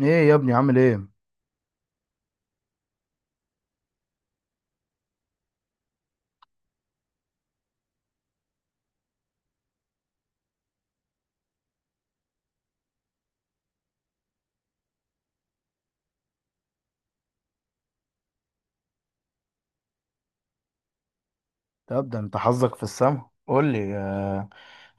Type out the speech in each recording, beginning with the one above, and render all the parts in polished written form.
ايه يا ابني، عامل ايه؟ طب ده انت حظك في السما، قول لي.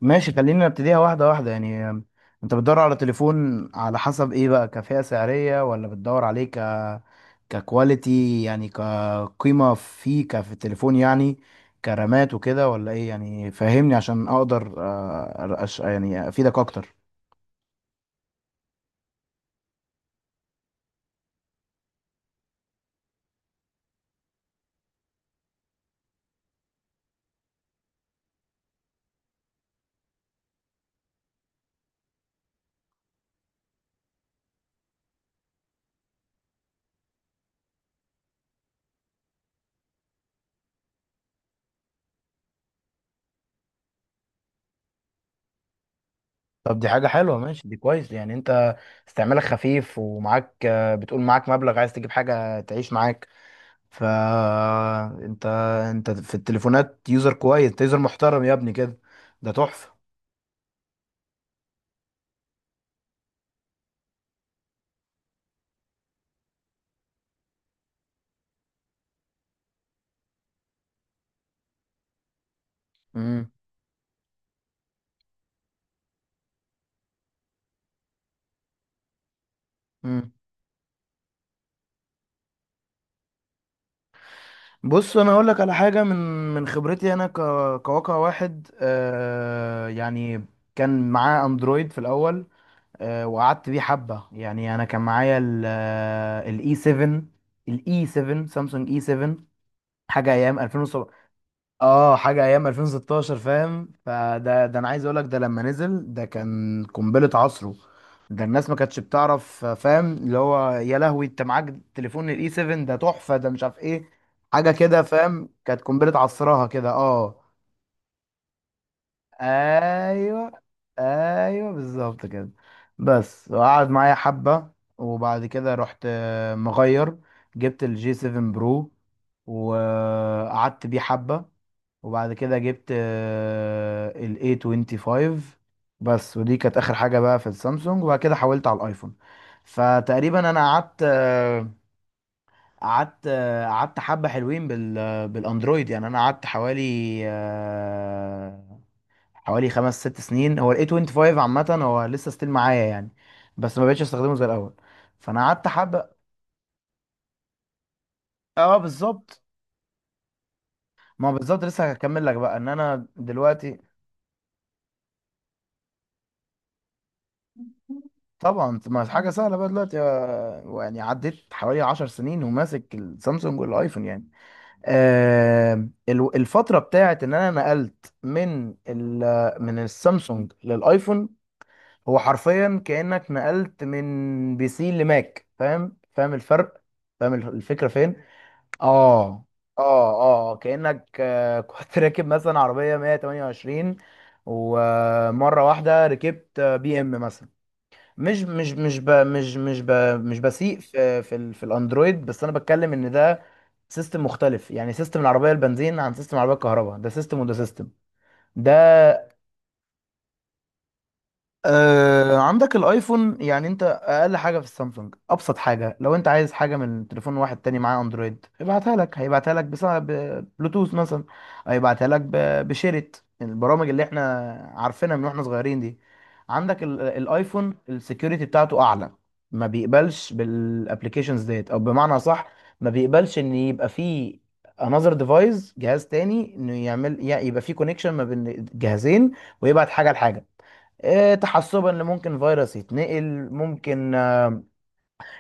ماشي، خلينا نبتديها واحده واحده يعني. انت بتدور على تليفون على حسب ايه بقى؟ كفئة سعريه ولا بتدور عليه ك ككواليتي، يعني كقيمه فيه كفي التليفون؟ يعني كرامات وكده ولا ايه؟ يعني فهمني عشان اقدر يعني افيدك اكتر. طب دي حاجة حلوة، ماشي دي كويس. يعني انت استعمالك خفيف، ومعاك، بتقول معاك مبلغ عايز تجيب حاجة تعيش معاك، فانت انت انت في التليفونات يوزر كويس، انت يوزر محترم يا ابني كده، ده تحفة. امم امم بص، انا هقول لك على حاجة من خبرتي انا. كواقع واحد يعني، كان معاه اندرويد في الاول. وقعدت بيه حبة. يعني انا كان معايا الاي 7، الاي 7 سامسونج، اي 7، حاجة ايام 2007. اه حاجه ايام 2016 فاهم. فده انا عايز اقول لك، ده لما نزل ده كان قنبله عصره. ده الناس ما كانتش بتعرف، فاهم؟ اللي هو يا لهوي، انت معاك تليفون الاي 7؟ ده تحفه، ده مش عارف ايه، حاجه كده، فاهم؟ كانت قنبله عصرها كده اه. ايوه ايوه بالظبط كده. بس وقعد معايا حبه، وبعد كده رحت مغير، جبت الجي 7 برو وقعدت بيه حبه، وبعد كده جبت ال A25. بس ودي كانت اخر حاجه بقى في السامسونج، وبعد كده حولت على الايفون. فتقريبا انا قعدت حبه حلوين بالاندرويد. يعني انا قعدت حوالي خمس ست سنين. هو ال A25 عامه هو لسه ستيل معايا يعني، بس ما بقتش استخدمه زي الاول. فانا قعدت حبه، اه بالظبط. ما هو بالظبط، لسه هكمل لك بقى. ان انا دلوقتي طبعا، ما حاجه سهله بقى دلوقتي. يعني عديت حوالي 10 سنين وماسك السامسونج والايفون يعني. آه، الفتره بتاعت ان انا نقلت من من السامسونج للايفون، هو حرفيا كانك نقلت من بي سي لماك. فاهم الفرق؟ فاهم الفكره فين؟ اه اه اه. كانك كنت راكب مثلا عربيه 128، ومره واحده ركبت بي ام مثلا. مش مش مش ب مش مش ب مش بسيء في الاندرويد، بس انا بتكلم ان ده سيستم مختلف. يعني سيستم العربيه البنزين عن سيستم العربيه الكهرباء، ده سيستم وده سيستم. ده عندك الايفون، يعني انت اقل حاجه في السامسونج، ابسط حاجه، لو انت عايز حاجه من تليفون واحد تاني معاه اندرويد ابعتها لك، هيبعتها لك بسبب بلوتوث مثلا. هيبعتها لك بشيرت البرامج اللي احنا عارفينها من واحنا صغيرين دي. عندك الايفون السكيورتي بتاعته اعلى، ما بيقبلش بالابلكيشنز ديت، او بمعنى صح، ما بيقبلش ان يبقى فيه انذر ديفايس، جهاز تاني، انه يعمل يبقى فيه كونكشن ما بين جهازين ويبعت حاجه لحاجه. تحسبا اللي ممكن فيروس يتنقل، ممكن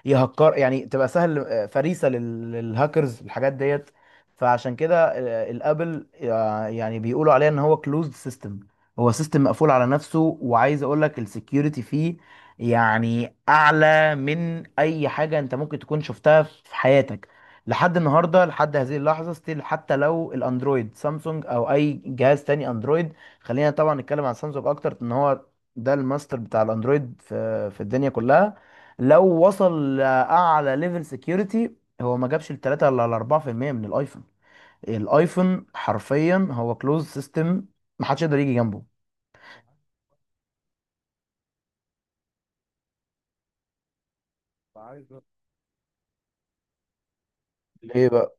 يهكر يعني، تبقى سهل فريسه للهاكرز، الحاجات ديت. فعشان كده الابل يعني بيقولوا عليه ان هو كلوزد سيستم، هو سيستم مقفول على نفسه. وعايز اقول لك السكيورتي فيه يعني اعلى من اي حاجه انت ممكن تكون شفتها في حياتك لحد النهارده، لحد هذه اللحظه، ستيل، حتى لو الاندرويد سامسونج او اي جهاز تاني اندرويد. خلينا طبعا نتكلم عن سامسونج اكتر، ان هو ده الماستر بتاع الاندرويد في الدنيا كلها. لو وصل لاعلى ليفل سكيورتي، هو ما جابش ال 3 ولا ال 4% من الايفون. الايفون حرفيا هو كلوز سيستم، ما حدش يقدر يجي جنبه. عايز أ- ليه بقى؟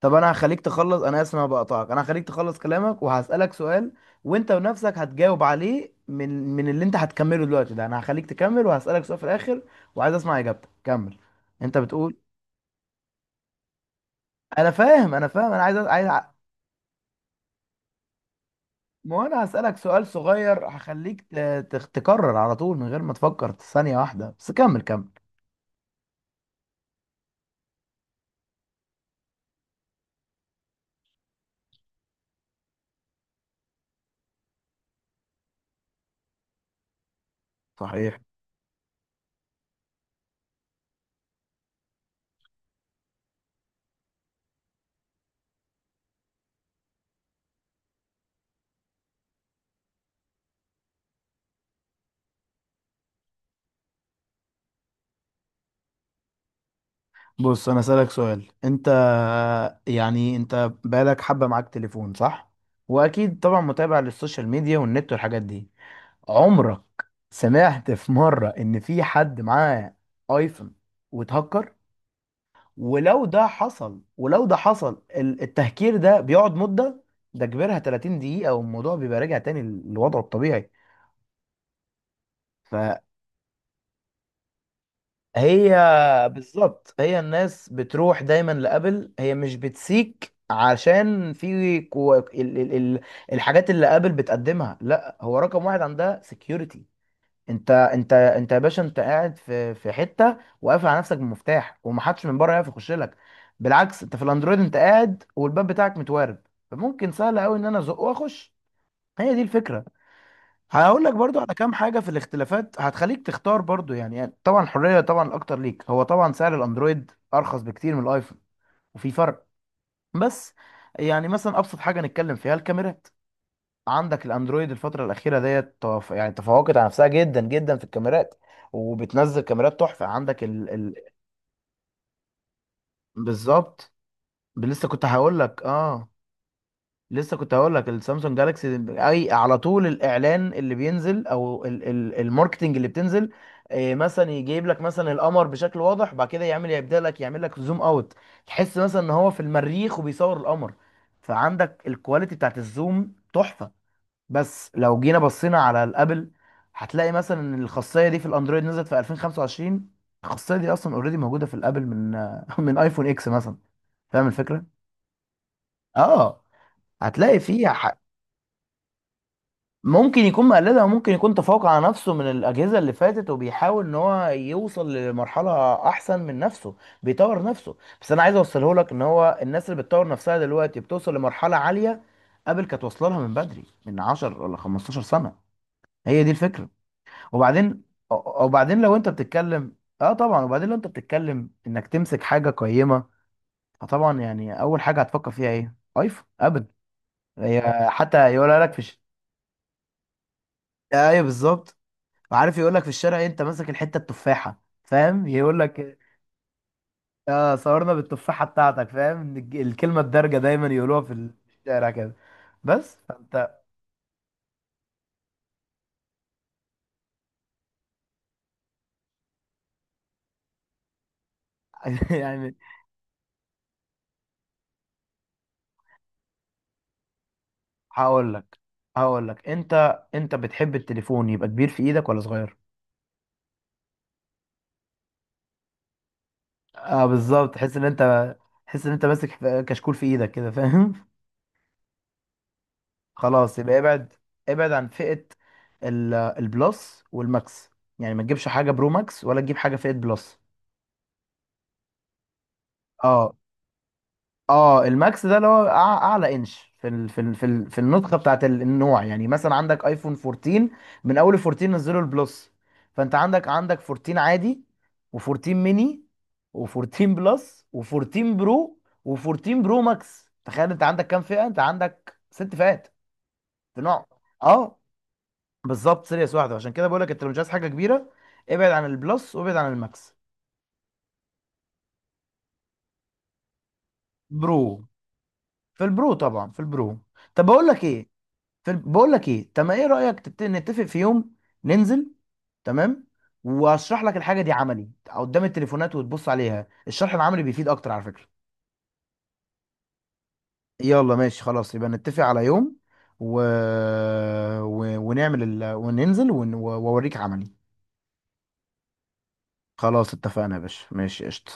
طب انا هخليك تخلص، انا اسف إن انا بقطعك، انا هخليك تخلص كلامك وهسألك سؤال، وانت بنفسك هتجاوب عليه من اللي انت هتكمله دلوقتي. ده انا هخليك تكمل وهسألك سؤال في الاخر، وعايز اسمع اجابتك. كمل، انت بتقول. انا فاهم، انا عايز. ما هو انا هسألك سؤال صغير، هخليك تكرر على طول من غير ما تفكر ثانية واحدة، بس كمل كمل. صحيح. بص، انا اسألك سؤال انت. يعني انت بقالك حبة معاك تليفون صح، واكيد طبعا متابع للسوشيال ميديا والنت والحاجات دي، عمرك سمعت في مرة ان في حد معاه ايفون واتهكر؟ ولو ده حصل، ولو ده حصل، ال- التهكير ده بيقعد مدة، ده كبرها 30 دقيقة، والموضوع بيبقى راجع تاني لوضعه الطبيعي. هي بالظبط، هي الناس بتروح دايما لابل، هي مش بتسيك، عشان في كو... ال... ال... ال... الحاجات اللي ابل بتقدمها، لا، هو رقم واحد عندها سكيورتي. انت يا باشا انت قاعد في حته وقافل على نفسك بمفتاح، ومحدش من بره يعرف يخش لك. بالعكس، انت في الاندرويد انت قاعد والباب بتاعك متوارب، فممكن سهل قوي ان انا ازق واخش. هي دي الفكره. هقول لك برضو على كام حاجه في الاختلافات هتخليك تختار برضو، يعني طبعا الحريه، طبعا الاكتر ليك. هو طبعا سعر الاندرويد ارخص بكتير من الايفون، وفي فرق. بس يعني مثلا ابسط حاجه نتكلم فيها الكاميرات، عندك الاندرويد الفتره الاخيره ديت يعني تفوقت على نفسها جدا جدا في الكاميرات، وبتنزل كاميرات تحفه. عندك بالظبط، لسه كنت هقول لك اه. لسه كنت هقول لك السامسونج جالاكسي اي على طول، الاعلان اللي بينزل او الماركتنج اللي بتنزل، مثلا يجيب لك مثلا القمر بشكل واضح، بعد كده يعمل يبدا لك يعمل لك زوم اوت، تحس مثلا ان هو في المريخ وبيصور القمر. فعندك الكواليتي بتاعت الزوم تحفه. بس لو جينا بصينا على الابل، هتلاقي مثلا ان الخاصيه دي في الاندرويد نزلت في 2025، الخاصيه دي اصلا اوريدي موجوده في الابل من من ايفون اكس مثلا. فاهم الفكره؟ اه، هتلاقي فيه. ممكن يكون مقلدها، وممكن يكون تفوق على نفسه من الأجهزة اللي فاتت، وبيحاول إن هو يوصل لمرحلة أحسن من نفسه، بيطور نفسه. بس أنا عايز أوصله لك إن هو الناس اللي بتطور نفسها دلوقتي بتوصل لمرحلة عالية، قبل كانت واصلة لها من بدري، من 10 ولا 15 سنة. هي دي الفكرة. وبعدين، وبعدين لو أنت بتتكلم، أه طبعا. وبعدين لو أنت بتتكلم إنك تمسك حاجة قيمة، فطبعا يعني أول حاجة هتفكر فيها إيه؟ أيفون أبل. هي حتى يقولها لك أيوه بالظبط. وعارف يقول لك في الشارع، انت ماسك الحته التفاحه، فاهم؟ يقول لك اه، صورنا بالتفاحه بتاعتك، فاهم؟ الكلمه الدارجه دايما يقولوها في الشارع كده، بس. فانت يعني، هقول لك، هقول لك: انت انت بتحب التليفون يبقى كبير في ايدك ولا صغير؟ اه بالظبط، تحس ان انت، تحس ان انت ماسك كشكول في ايدك كده فاهم؟ خلاص يبقى ابعد، ابعد عن فئه البلس والماكس، يعني ما تجيبش حاجه برو ماكس ولا تجيب حاجه فئه بلس. اه اه. الماكس ده اللي هو اعلى انش في النسخه بتاعت النوع. يعني مثلا عندك ايفون 14، من اول 14 نزلوا البلس. فانت عندك 14 عادي، و14 ميني، و14 بلس، و14 برو، و14 برو ماكس. تخيل انت عندك كام فئه؟ انت عندك 6 فئات في نوع. اه بالظبط، سيريس واحده. عشان كده بقول لك، انت لو مش عايز حاجه كبيره، ابعد عن البلس وابعد عن الماكس. برو، في البرو طبعا، في البرو. طب بقول لك ايه، في بقول لك ايه. تمام، ايه رايك نتفق في يوم ننزل؟ تمام، واشرح لك الحاجه دي عملي قدام التليفونات وتبص عليها. الشرح العملي بيفيد اكتر على فكره. يلا ماشي خلاص، يبقى نتفق على يوم، و... ونعمل وننزل واوريك عملي. خلاص اتفقنا يا باشا، ماشي قشطه.